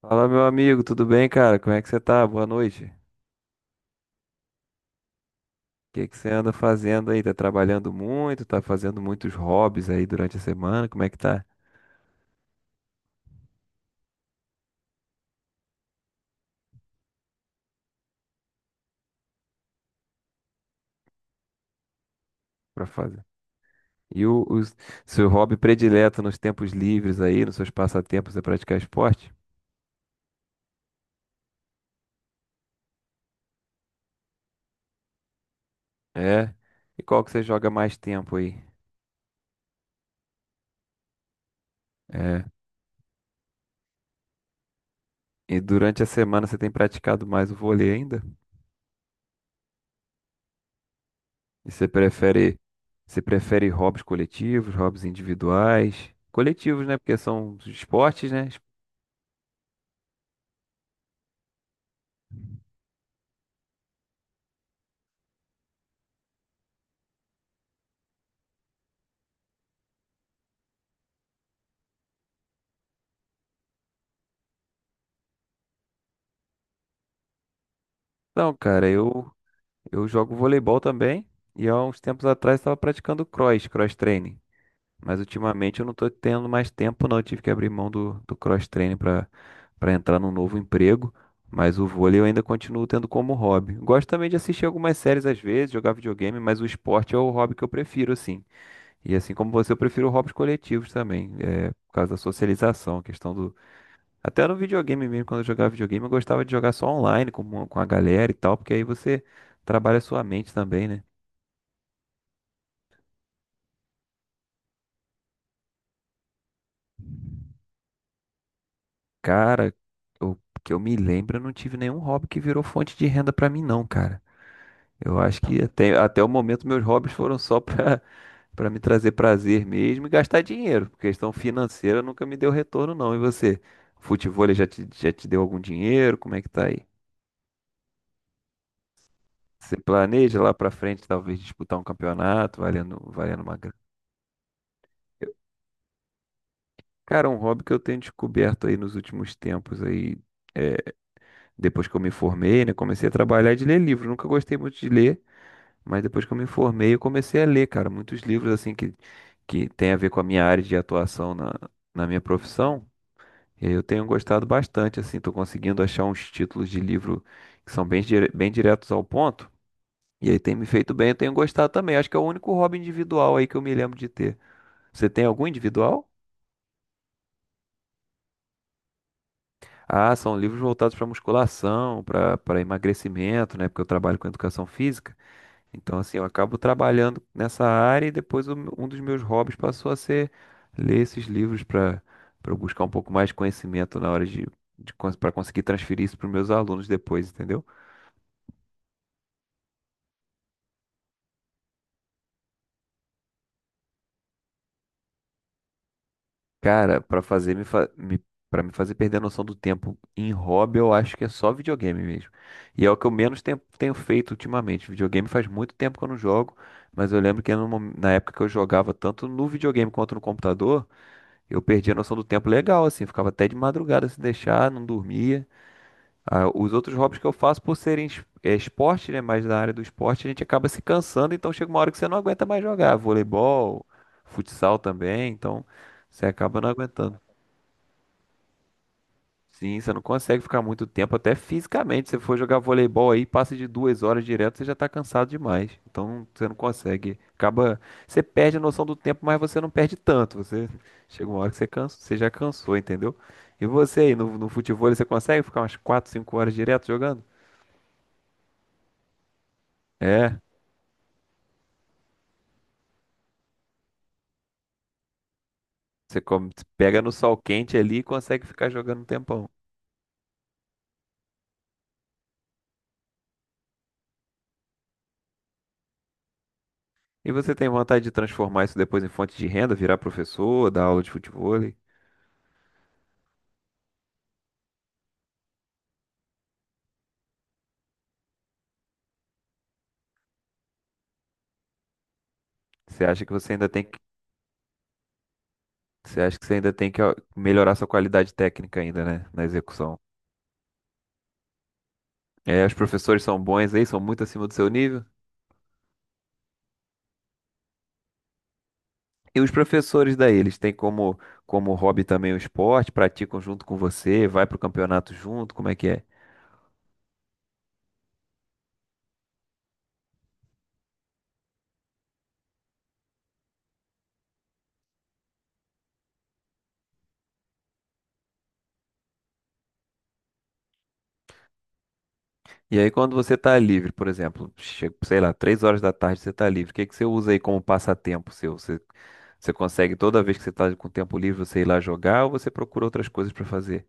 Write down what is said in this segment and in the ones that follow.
Fala, meu amigo, tudo bem, cara? Como é que você tá? Boa noite. O que que você anda fazendo aí? Tá trabalhando muito? Tá fazendo muitos hobbies aí durante a semana? Como é que tá? Pra fazer. E o seu hobby predileto nos tempos livres aí, nos seus passatempos é praticar esporte? É. E qual que você joga mais tempo aí? É. E durante a semana você tem praticado mais o vôlei ainda? E você prefere hobbies coletivos, hobbies individuais? Coletivos, né? Porque são os esportes, né? Então, cara, eu jogo voleibol também e há uns tempos atrás estava praticando cross training. Mas ultimamente eu não tô tendo mais tempo, não. Eu tive que abrir mão do cross training para entrar num novo emprego. Mas o vôlei eu ainda continuo tendo como hobby. Gosto também de assistir algumas séries às vezes, jogar videogame, mas o esporte é o hobby que eu prefiro, assim. E assim como você, eu prefiro hobbies coletivos também, é, por causa da socialização, a questão do. Até no videogame mesmo, quando eu jogava videogame, eu gostava de jogar só online com a galera e tal, porque aí você trabalha a sua mente também, né? Cara, eu, que eu me lembro, eu não tive nenhum hobby que virou fonte de renda pra mim, não, cara. Eu acho que até, até o momento meus hobbies foram só pra, pra me trazer prazer mesmo e gastar dinheiro. Questão financeira nunca me deu retorno, não. E você? Futevôlei já te deu algum dinheiro? Como é que tá aí? Você planeja lá pra frente, talvez, disputar um campeonato, valendo uma grana. Eu- Cara, um hobby que eu tenho descoberto aí nos últimos tempos aí, é, depois que eu me formei, né? Comecei a trabalhar de ler livros. Nunca gostei muito de ler, mas depois que eu me formei, eu comecei a ler, cara, muitos livros assim que tem a ver com a minha área de atuação na minha profissão. E aí eu tenho gostado bastante, assim, tô conseguindo achar uns títulos de livro que são bem diretos ao ponto. E aí tem me feito bem, eu tenho gostado também. Acho que é o único hobby individual aí que eu me lembro de ter. Você tem algum individual? Ah, são livros voltados para musculação, para emagrecimento, né? Porque eu trabalho com educação física. Então, assim, eu acabo trabalhando nessa área e depois um dos meus hobbies passou a ser ler esses livros para buscar um pouco mais de conhecimento na hora de para conseguir transferir isso para os meus alunos depois, entendeu? Cara, pra fazer me, fa me para me fazer perder a noção do tempo em hobby, eu acho que é só videogame mesmo. E é o que eu menos tempo tenho feito ultimamente. Videogame faz muito tempo que eu não jogo, mas eu lembro que no mom- na época que eu jogava tanto no videogame quanto no computador, eu perdi a noção do tempo legal, assim, ficava até de madrugada se deixar, não dormia. Ah, os outros hobbies que eu faço, por serem esporte, né, mais da área do esporte, a gente acaba se cansando, então chega uma hora que você não aguenta mais jogar. Voleibol, futsal também, então você acaba não aguentando. Sim, você não consegue ficar muito tempo, até fisicamente. Se você for jogar voleibol aí, passa de 2 horas direto, você já tá cansado demais. Então você não consegue. Acaba. Você perde a noção do tempo, mas você não perde tanto. Você chega uma hora que você cansa, você já cansou, entendeu? E você aí, no futebol, você consegue ficar umas 4 5 horas direto jogando? É. Você come- Pega no sol quente ali e consegue ficar jogando um tempão. E você tem vontade de transformar isso depois em fonte de renda, virar professor, dar aula de futebol? Você acha que você ainda tem que Você acha que você ainda tem que ó, melhorar sua qualidade técnica ainda, né? Na execução. É, os professores são bons aí, são muito acima do seu nível. E os professores daí, eles têm como hobby também o esporte, praticam junto com você, vai pro campeonato junto, como é que é? E aí quando você tá livre, por exemplo, chega, sei lá, 3 horas da tarde você tá livre, o que que você usa aí como passatempo seu? Você consegue toda vez que você tá com tempo livre você ir lá jogar ou você procura outras coisas pra fazer?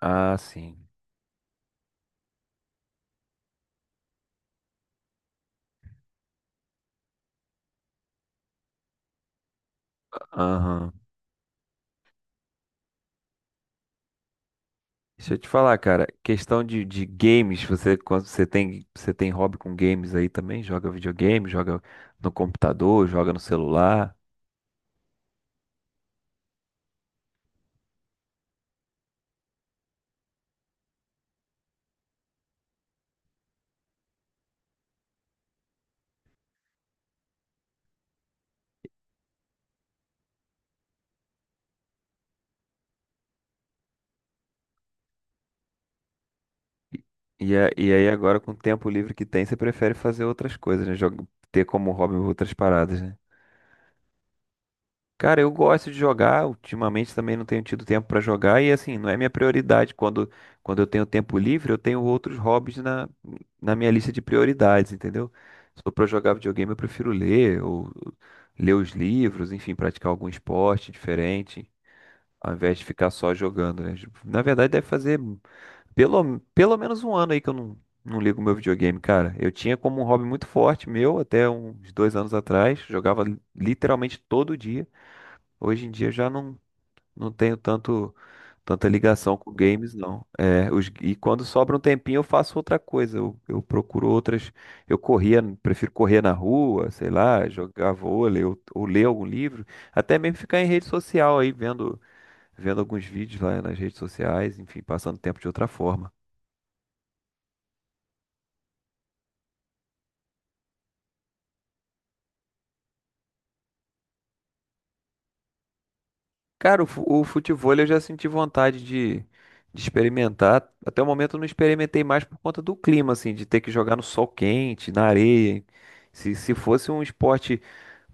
Ah, sim. Aham. Deixa eu te falar, cara, questão de games, você tem hobby com games aí também? Joga videogame, joga no computador, joga no celular. E, e aí agora com o tempo livre que tem, você prefere fazer outras coisas, né? Ter como hobby outras paradas, né? Cara, eu gosto de jogar, ultimamente também não tenho tido tempo pra jogar e assim, não é minha prioridade. Quando eu tenho tempo livre, eu tenho outros hobbies na minha lista de prioridades, entendeu? Se for pra jogar videogame, eu prefiro ler ou ler os livros, enfim, praticar algum esporte diferente, ao invés de ficar só jogando, né? Na verdade, deve fazer pelo menos um ano aí que eu não ligo meu videogame, cara. Eu tinha como um hobby muito forte meu até uns 2 anos atrás, jogava literalmente todo dia. Hoje em dia eu já não tenho tanto tanta ligação com games, não. É, os, e quando sobra um tempinho eu faço outra coisa. Eu procuro outras. Eu corria, prefiro correr na rua, sei lá, jogar vôlei ou ler algum livro. Até mesmo ficar em rede social aí, vendo alguns vídeos lá nas redes sociais, enfim, passando tempo de outra forma. Cara, o futevôlei eu já senti vontade de experimentar. Até o momento eu não experimentei mais por conta do clima, assim, de ter que jogar no sol quente, na areia. Se fosse um esporte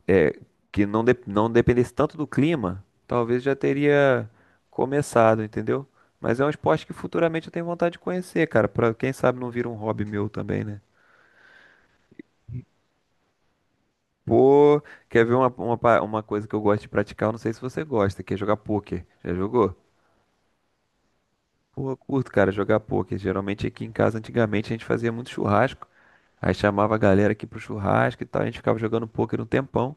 é, que não dependesse tanto do clima, talvez já teria começado, entendeu? Mas é um esporte que futuramente eu tenho vontade de conhecer, cara, pra quem sabe não vira um hobby meu também, né? Pô, quer ver uma coisa que eu gosto de praticar? Eu não sei se você gosta, que é jogar pôquer. Já jogou? Pô, eu curto, cara, jogar poker. Geralmente aqui em casa, antigamente, a gente fazia muito churrasco. Aí chamava a galera aqui pro churrasco e tal. A gente ficava jogando poker um tempão.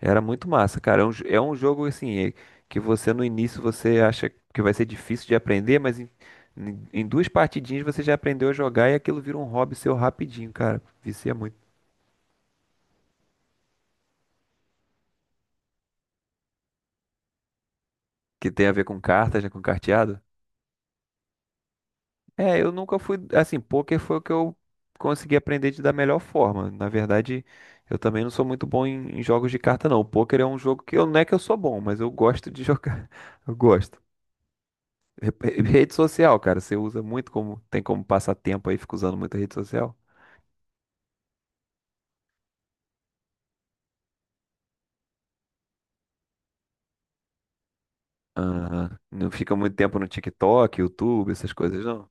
Era muito massa, cara. É um, é um jogo assim, que você no início você acha que vai ser difícil de aprender, mas em duas partidinhas você já aprendeu a jogar e aquilo vira um hobby seu rapidinho, cara. Vicia muito. Que tem a ver com cartas, né? Com carteado. É, eu nunca fui, assim, poker foi o que eu consegui aprender de da melhor forma. Na verdade, eu também não sou muito bom em jogos de carta, não. O poker é um jogo que eu, não é que eu sou bom, mas eu gosto de jogar. Eu gosto. Rede social, cara, você usa muito como, tem como passar tempo aí, fica usando muita rede social. Aham. Não fica muito tempo no TikTok, YouTube, essas coisas, não.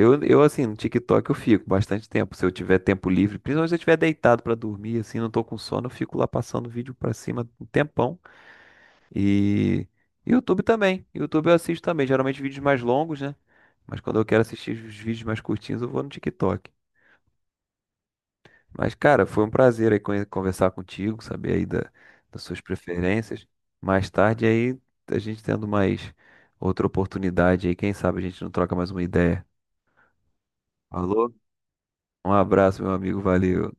Assim, no TikTok eu fico bastante tempo. Se eu tiver tempo livre, principalmente se eu estiver deitado pra dormir, assim, não tô com sono, eu fico lá passando vídeo pra cima um tempão. E YouTube também. YouTube eu assisto também. Geralmente vídeos mais longos, né? Mas quando eu quero assistir os vídeos mais curtinhos, eu vou no TikTok. Mas, cara, foi um prazer aí conversar contigo, saber aí das suas preferências. Mais tarde aí, a gente tendo mais outra oportunidade aí, quem sabe a gente não troca mais uma ideia. Falou? Um abraço, meu amigo. Valeu.